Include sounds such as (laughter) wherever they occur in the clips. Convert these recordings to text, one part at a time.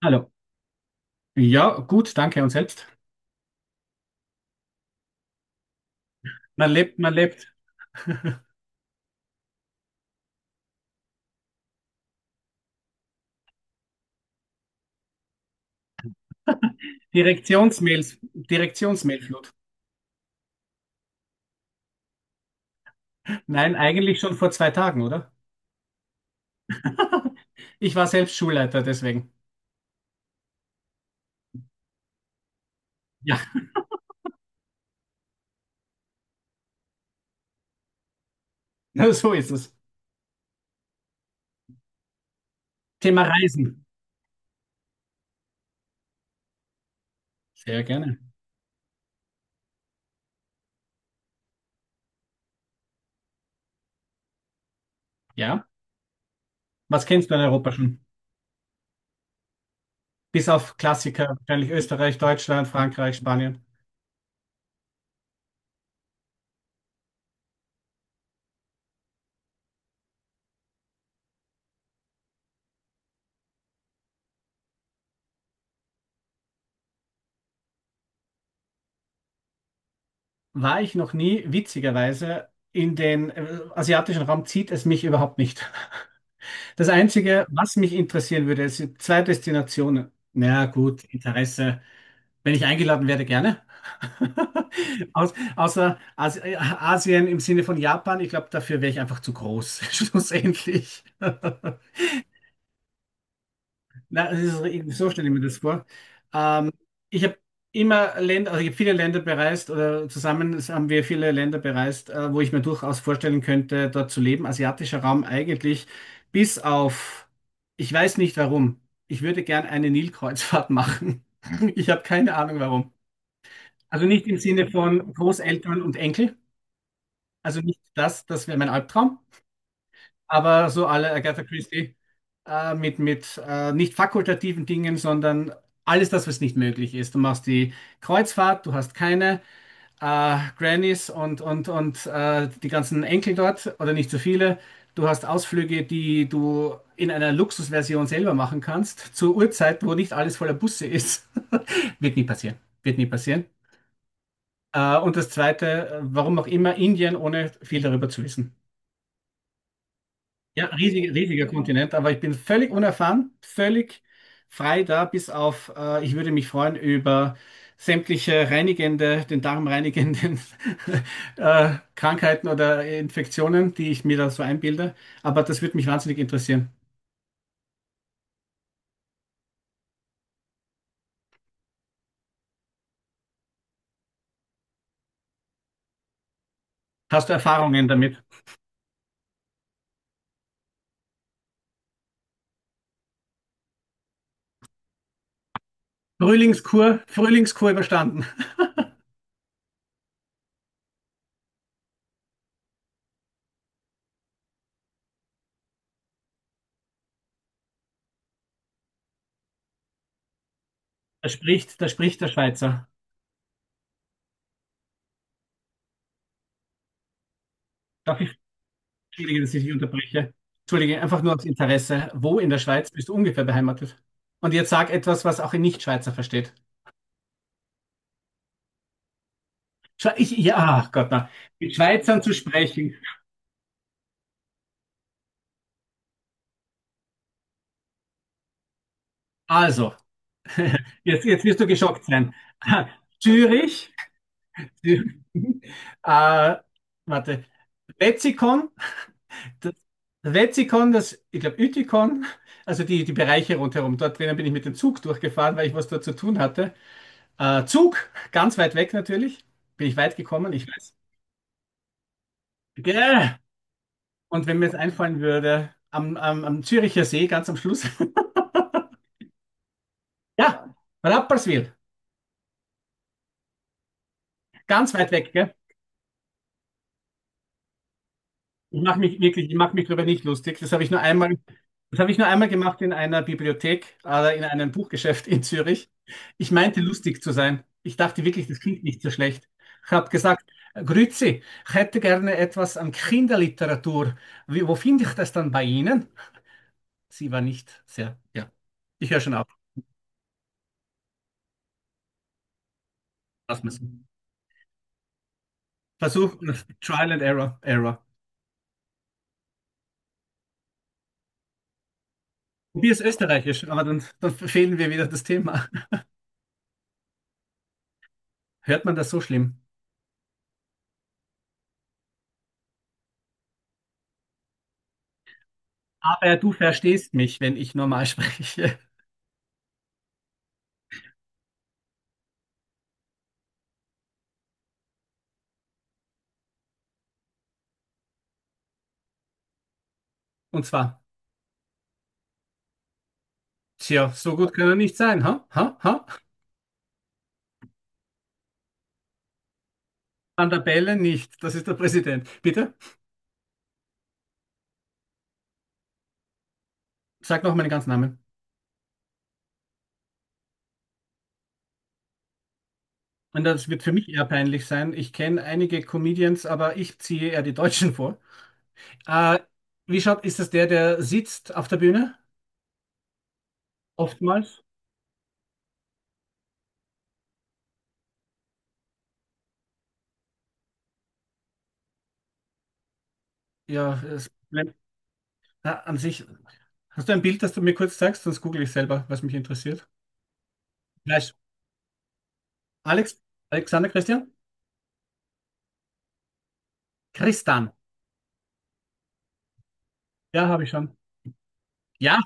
Hallo. Ja, gut, danke. Und selbst? Man lebt, man lebt. Direktionsmails, Direktionsmailflut. Nein, eigentlich schon vor zwei Tagen, oder? (laughs) Ich war selbst Schulleiter, deswegen. Ja, (laughs) so ist es. Thema Reisen. Sehr gerne. Ja, was kennst du in Europa schon? Bis auf Klassiker, wahrscheinlich Österreich, Deutschland, Frankreich, Spanien. War ich noch nie, witzigerweise, in den asiatischen Raum zieht es mich überhaupt nicht. (laughs) Das Einzige, was mich interessieren würde, sind zwei Destinationen. Na gut, Interesse. Wenn ich eingeladen werde, gerne. (laughs) Außer Asien im Sinne von Japan, ich glaube, dafür wäre ich einfach zu groß, (laughs) schlussendlich. (laughs) Na, das ist, so stelle ich mir das vor. Ähm, Ich habe immer Länder, also ich habe viele Länder bereist oder zusammen haben wir viele Länder bereist, wo ich mir durchaus vorstellen könnte, dort zu leben. Asiatischer Raum eigentlich, bis auf, ich weiß nicht warum. Ich würde gern eine Nilkreuzfahrt machen. (laughs) Ich habe keine Ahnung warum. Also nicht im Sinne von Großeltern und Enkel. Also nicht das, das wäre mein Albtraum. Aber so alle Agatha Christie mit, mit nicht fakultativen Dingen, sondern alles das, was nicht möglich ist. Du machst die Kreuzfahrt, du hast keine Grannies und, und die ganzen Enkel dort oder nicht so viele. Du hast Ausflüge, die du in einer Luxusversion selber machen kannst, zur Uhrzeit, wo nicht alles voller Busse ist. (laughs) Wird nie passieren. Wird nie passieren. Und das Zweite, warum auch immer Indien, ohne viel darüber zu wissen. Ja, riesig, riesiger Kontinent, aber ich bin völlig unerfahren, völlig frei da, bis auf, ich würde mich freuen über sämtliche reinigende, den Darm reinigenden (laughs) Krankheiten oder Infektionen, die ich mir da so einbilde. Aber das würde mich wahnsinnig interessieren. Hast du Erfahrungen damit? Frühlingskur, Frühlingskur überstanden. Da spricht der Schweizer. Darf ich Entschuldige, dass ich dich unterbreche. Entschuldige, einfach nur aus Interesse. Wo in der Schweiz bist du ungefähr beheimatet? Und jetzt sag etwas, was auch ein Nichtschweizer versteht. Schwe- Ich, ja, ach Gott, na. Mit Schweizern zu sprechen. Also, (laughs) jetzt, jetzt wirst du geschockt sein. (laughs) Zürich, Zü- (laughs) äh, warte, Wetzikon, das Wetzikon, das, ich glaube, Ütikon, also die, die Bereiche rundherum. Dort drinnen bin ich mit dem Zug durchgefahren, weil ich was dort zu tun hatte. Zug, ganz weit weg natürlich. Bin ich weit gekommen, ich weiß. Gäh. Und wenn mir jetzt einfallen würde, am, am, am Züricher See, ganz am Schluss. (laughs) Ja, Rapperswil, ganz weit weg, gell? Ich mache mich wirklich, ich mache mich darüber nicht lustig. Das habe ich nur einmal, das habe ich nur einmal gemacht in einer Bibliothek oder in einem Buchgeschäft in Zürich. Ich meinte lustig zu sein. Ich dachte wirklich, das klingt nicht so schlecht. Ich habe gesagt, Grüezi, ich hätte gerne etwas an Kinderliteratur. Wie, wo finde ich das dann bei Ihnen? Sie war nicht sehr, ja. Ich höre schon auf. Lass mir's. Versuch, Trial and Error, Error. Probier's Österreichisch, aber dann, dann verfehlen wir wieder das Thema. Hört man das so schlimm? Aber du verstehst mich, wenn ich normal spreche. Und zwar, tja, so gut kann er nicht sein, ha? Ha? Ha? An der Bälle nicht. Das ist der Präsident. Bitte? Sag noch meinen ganzen Namen. Und das wird für mich eher peinlich sein. Ich kenne einige Comedians, aber ich ziehe eher die Deutschen vor. Äh, Wie schaut, ist das der, der sitzt auf der Bühne? Oftmals. Ja, es bleibt na, an sich. Hast du ein Bild, das du mir kurz zeigst? Sonst google ich selber, was mich interessiert. Gleich. Alex, Alexander Christian? Christian. Ja, habe ich schon. Ja,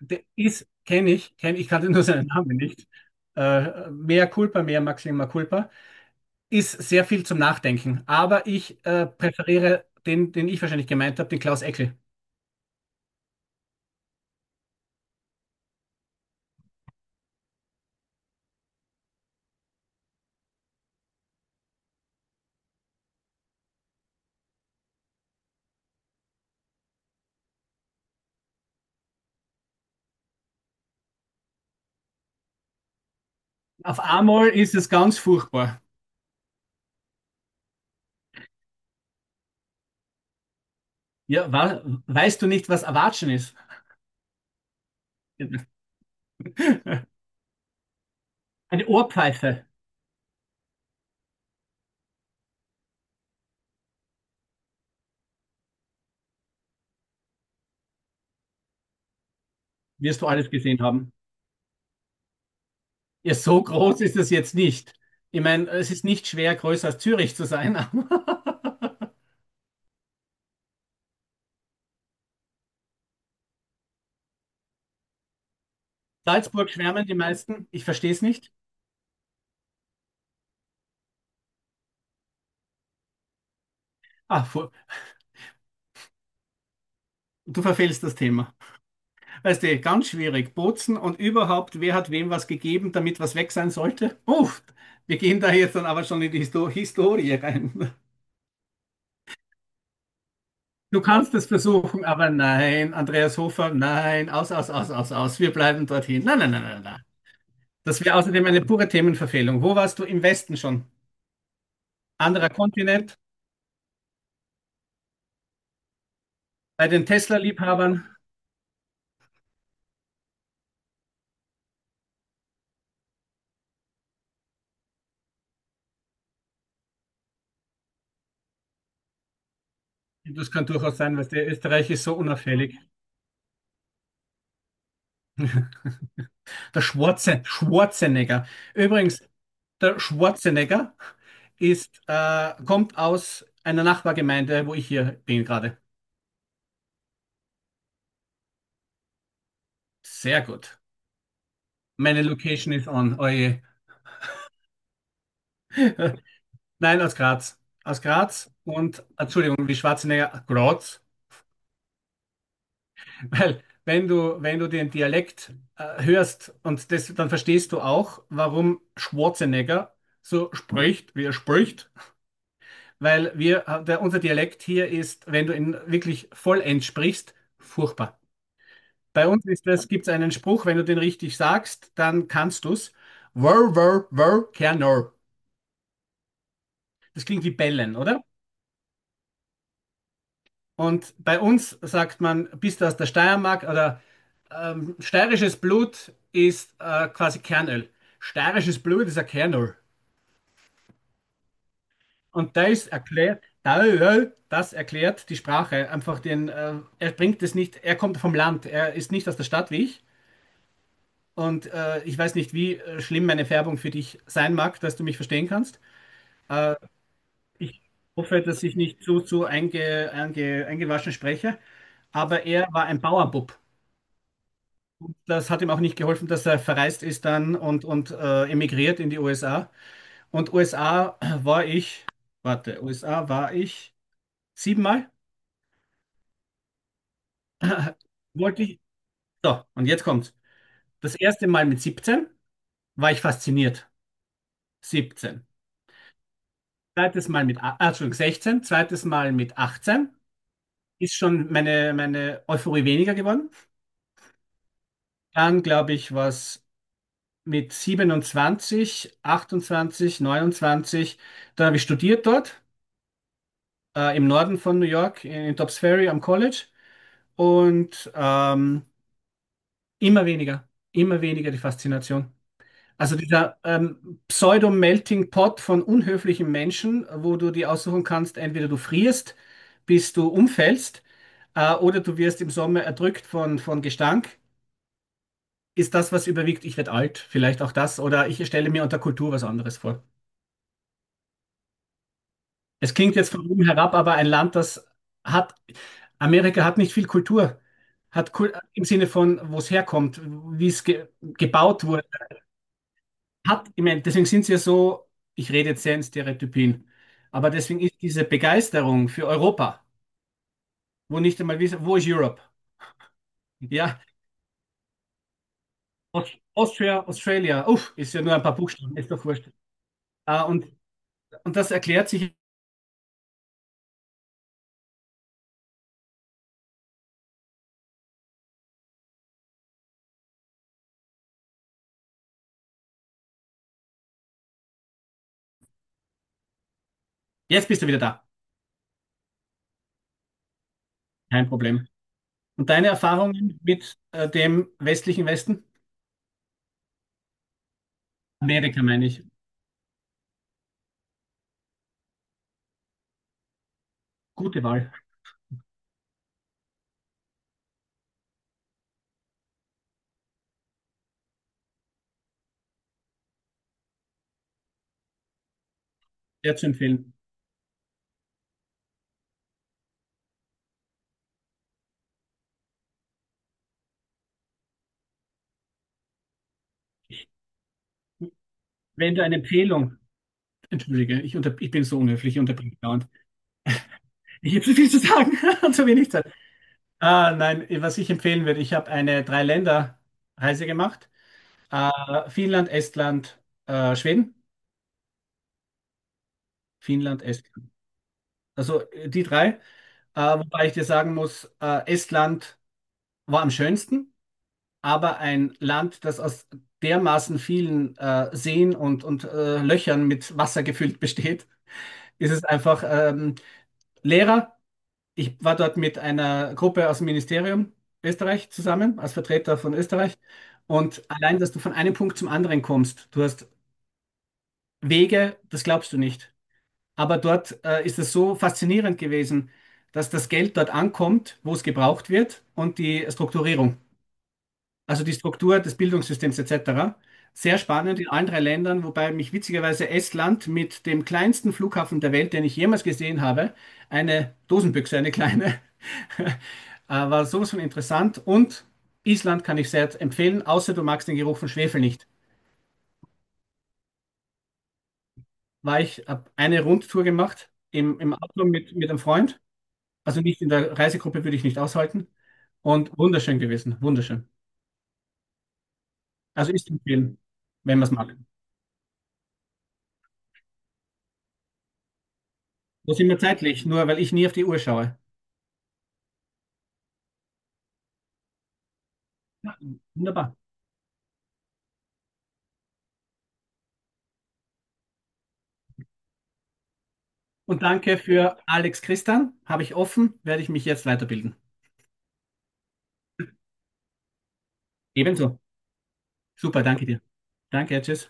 der ist, kenne ich, kannte nur seinen Namen nicht. Mea culpa, mea maxima culpa. Ist sehr viel zum Nachdenken. Aber ich präferiere den, den ich wahrscheinlich gemeint habe, den Klaus Eckel. Auf einmal ist es ganz furchtbar. Ja, wa weißt du nicht, was Erwatschen ist? (laughs) Eine Ohrpfeife. Wirst du alles gesehen haben. Ja, so groß ist es jetzt nicht. Ich meine, es ist nicht schwer, größer als Zürich zu sein. (laughs) Salzburg schwärmen die meisten. Ich verstehe es nicht. Ah, fu- du verfehlst das Thema. Weißt du, ganz schwierig. Bozen und überhaupt, wer hat wem was gegeben, damit was weg sein sollte? Uff, wir gehen da jetzt dann aber schon in die Historie rein. Du kannst es versuchen, aber nein, Andreas Hofer, nein, aus, aus, aus, aus, aus. Wir bleiben dorthin. Nein, nein, nein, nein, nein. Das wäre außerdem eine pure Themenverfehlung. Wo warst du im Westen schon? Anderer Kontinent, bei den Tesla-Liebhabern. Das kann durchaus sein, weil der Österreich ist so unauffällig. Der Schwarze, Schwarzenegger. Übrigens, der Schwarzenegger ist, kommt aus einer Nachbargemeinde, wo ich hier bin gerade. Sehr gut. Meine Location ist on. Oje. (laughs) Nein, aus Graz. Aus Graz und, Entschuldigung, wie Schwarzenegger, Graz. Weil wenn du, wenn du den Dialekt hörst und das, dann verstehst du auch, warum Schwarzenegger so spricht, wie er spricht. Weil wir, der, unser Dialekt hier ist, wenn du ihn wirklich vollends sprichst, furchtbar. Bei uns ist das, gibt es einen Spruch, wenn du den richtig sagst, dann kannst du's. Wör, wör, wör, Kernor. Das klingt wie bellen, oder? Und bei uns sagt man, bist du aus der Steiermark oder steirisches Blut ist quasi Kernöl. Steirisches Blut ist ein Kernöl. Und das erklärt, da- ja, das erklärt die Sprache. Einfach den, er bringt es nicht, er kommt vom Land, er ist nicht aus der Stadt wie ich. Und ich weiß nicht, wie schlimm meine Färbung für dich sein mag, dass du mich verstehen kannst. Ich hoffe, dass ich nicht zu, zu eingewaschen spreche. Aber er war ein Bauernbub. Das hat ihm auch nicht geholfen, dass er verreist ist dann und, und emigriert in die USA. Und USA war ich, warte, USA war ich siebenmal. (clears throat) (laughs) Wollte ich. So, und jetzt kommt's. Das erste Mal mit 17 war ich fasziniert. 17. Zweites Mal mit, Entschuldigung, 16. Zweites Mal mit 18. Ist schon meine, meine Euphorie weniger geworden. Dann, glaube ich, was mit 27, 28, 29. Dann habe ich studiert dort. Im Norden von New York, in Dobbs Ferry am College. Und immer weniger, immer weniger die Faszination. Also dieser Pseudo-Melting Pot von unhöflichen Menschen, wo du dir aussuchen kannst, entweder du frierst, bis du umfällst, oder du wirst im Sommer erdrückt von Gestank. Ist das, was überwiegt, ich werde alt, vielleicht auch das, oder ich stelle mir unter Kultur was anderes vor. Es klingt jetzt von oben herab, aber ein Land, das hat, Amerika hat nicht viel Kultur, hat Kul im Sinne von, wo es herkommt, wie es ge gebaut wurde. Hat, ich meine, deswegen sind sie ja so, ich rede jetzt sehr in Stereotypien, aber deswegen ist diese Begeisterung für Europa, wo nicht einmal wissen, wo ist Europe? Ja, Aus- Austria, Australia, uff, ist ja nur ein paar Buchstaben, ist doch wurscht. Ah, und das erklärt sich, jetzt bist du wieder da, kein Problem. Und deine Erfahrungen mit dem westlichen Westen? Amerika meine ich. Gute Wahl, sehr zu empfehlen. Wenn du eine Empfehlung, entschuldige, ich, unter, ich bin so unhöflich, ich unterbreche dauernd. Ich habe zu viel zu sagen (laughs) und zu wenig Zeit. Ah, nein, was ich empfehlen würde, ich habe eine Drei-Länder-Reise gemacht. Äh, Finnland, Estland, Schweden. Finnland, Estland. Also die drei. Wobei ich dir sagen muss, Estland war am schönsten, aber ein Land, das aus dermaßen vielen Seen und, und Löchern mit Wasser gefüllt besteht, ist es einfach, Lehrer. Ich war dort mit einer Gruppe aus dem Ministerium Österreich zusammen, als Vertreter von Österreich. Und allein, dass du von einem Punkt zum anderen kommst, du hast Wege, das glaubst du nicht. Aber dort ist es so faszinierend gewesen, dass das Geld dort ankommt, wo es gebraucht wird und die Strukturierung also die Struktur des Bildungssystems etc. Sehr spannend in allen drei Ländern, wobei mich witzigerweise Estland mit dem kleinsten Flughafen der Welt, den ich jemals gesehen habe, eine Dosenbüchse, eine kleine, (laughs) äh, war sowas von interessant. Und Island kann ich sehr empfehlen, außer du magst den Geruch von Schwefel nicht. War ich, habe eine Rundtour gemacht im, im Auto mit einem Freund, also nicht in der Reisegruppe würde ich nicht aushalten. Und wunderschön gewesen, wunderschön. Also ist zu empfehlen, wenn man es mag. Wo sind wir zeitlich? Nur weil ich nie auf die Uhr schaue. Ja, wunderbar. Und danke für Alex Christian. Habe ich offen, werde ich mich jetzt weiterbilden. Ebenso. Super, danke dir. Danke, tschüss.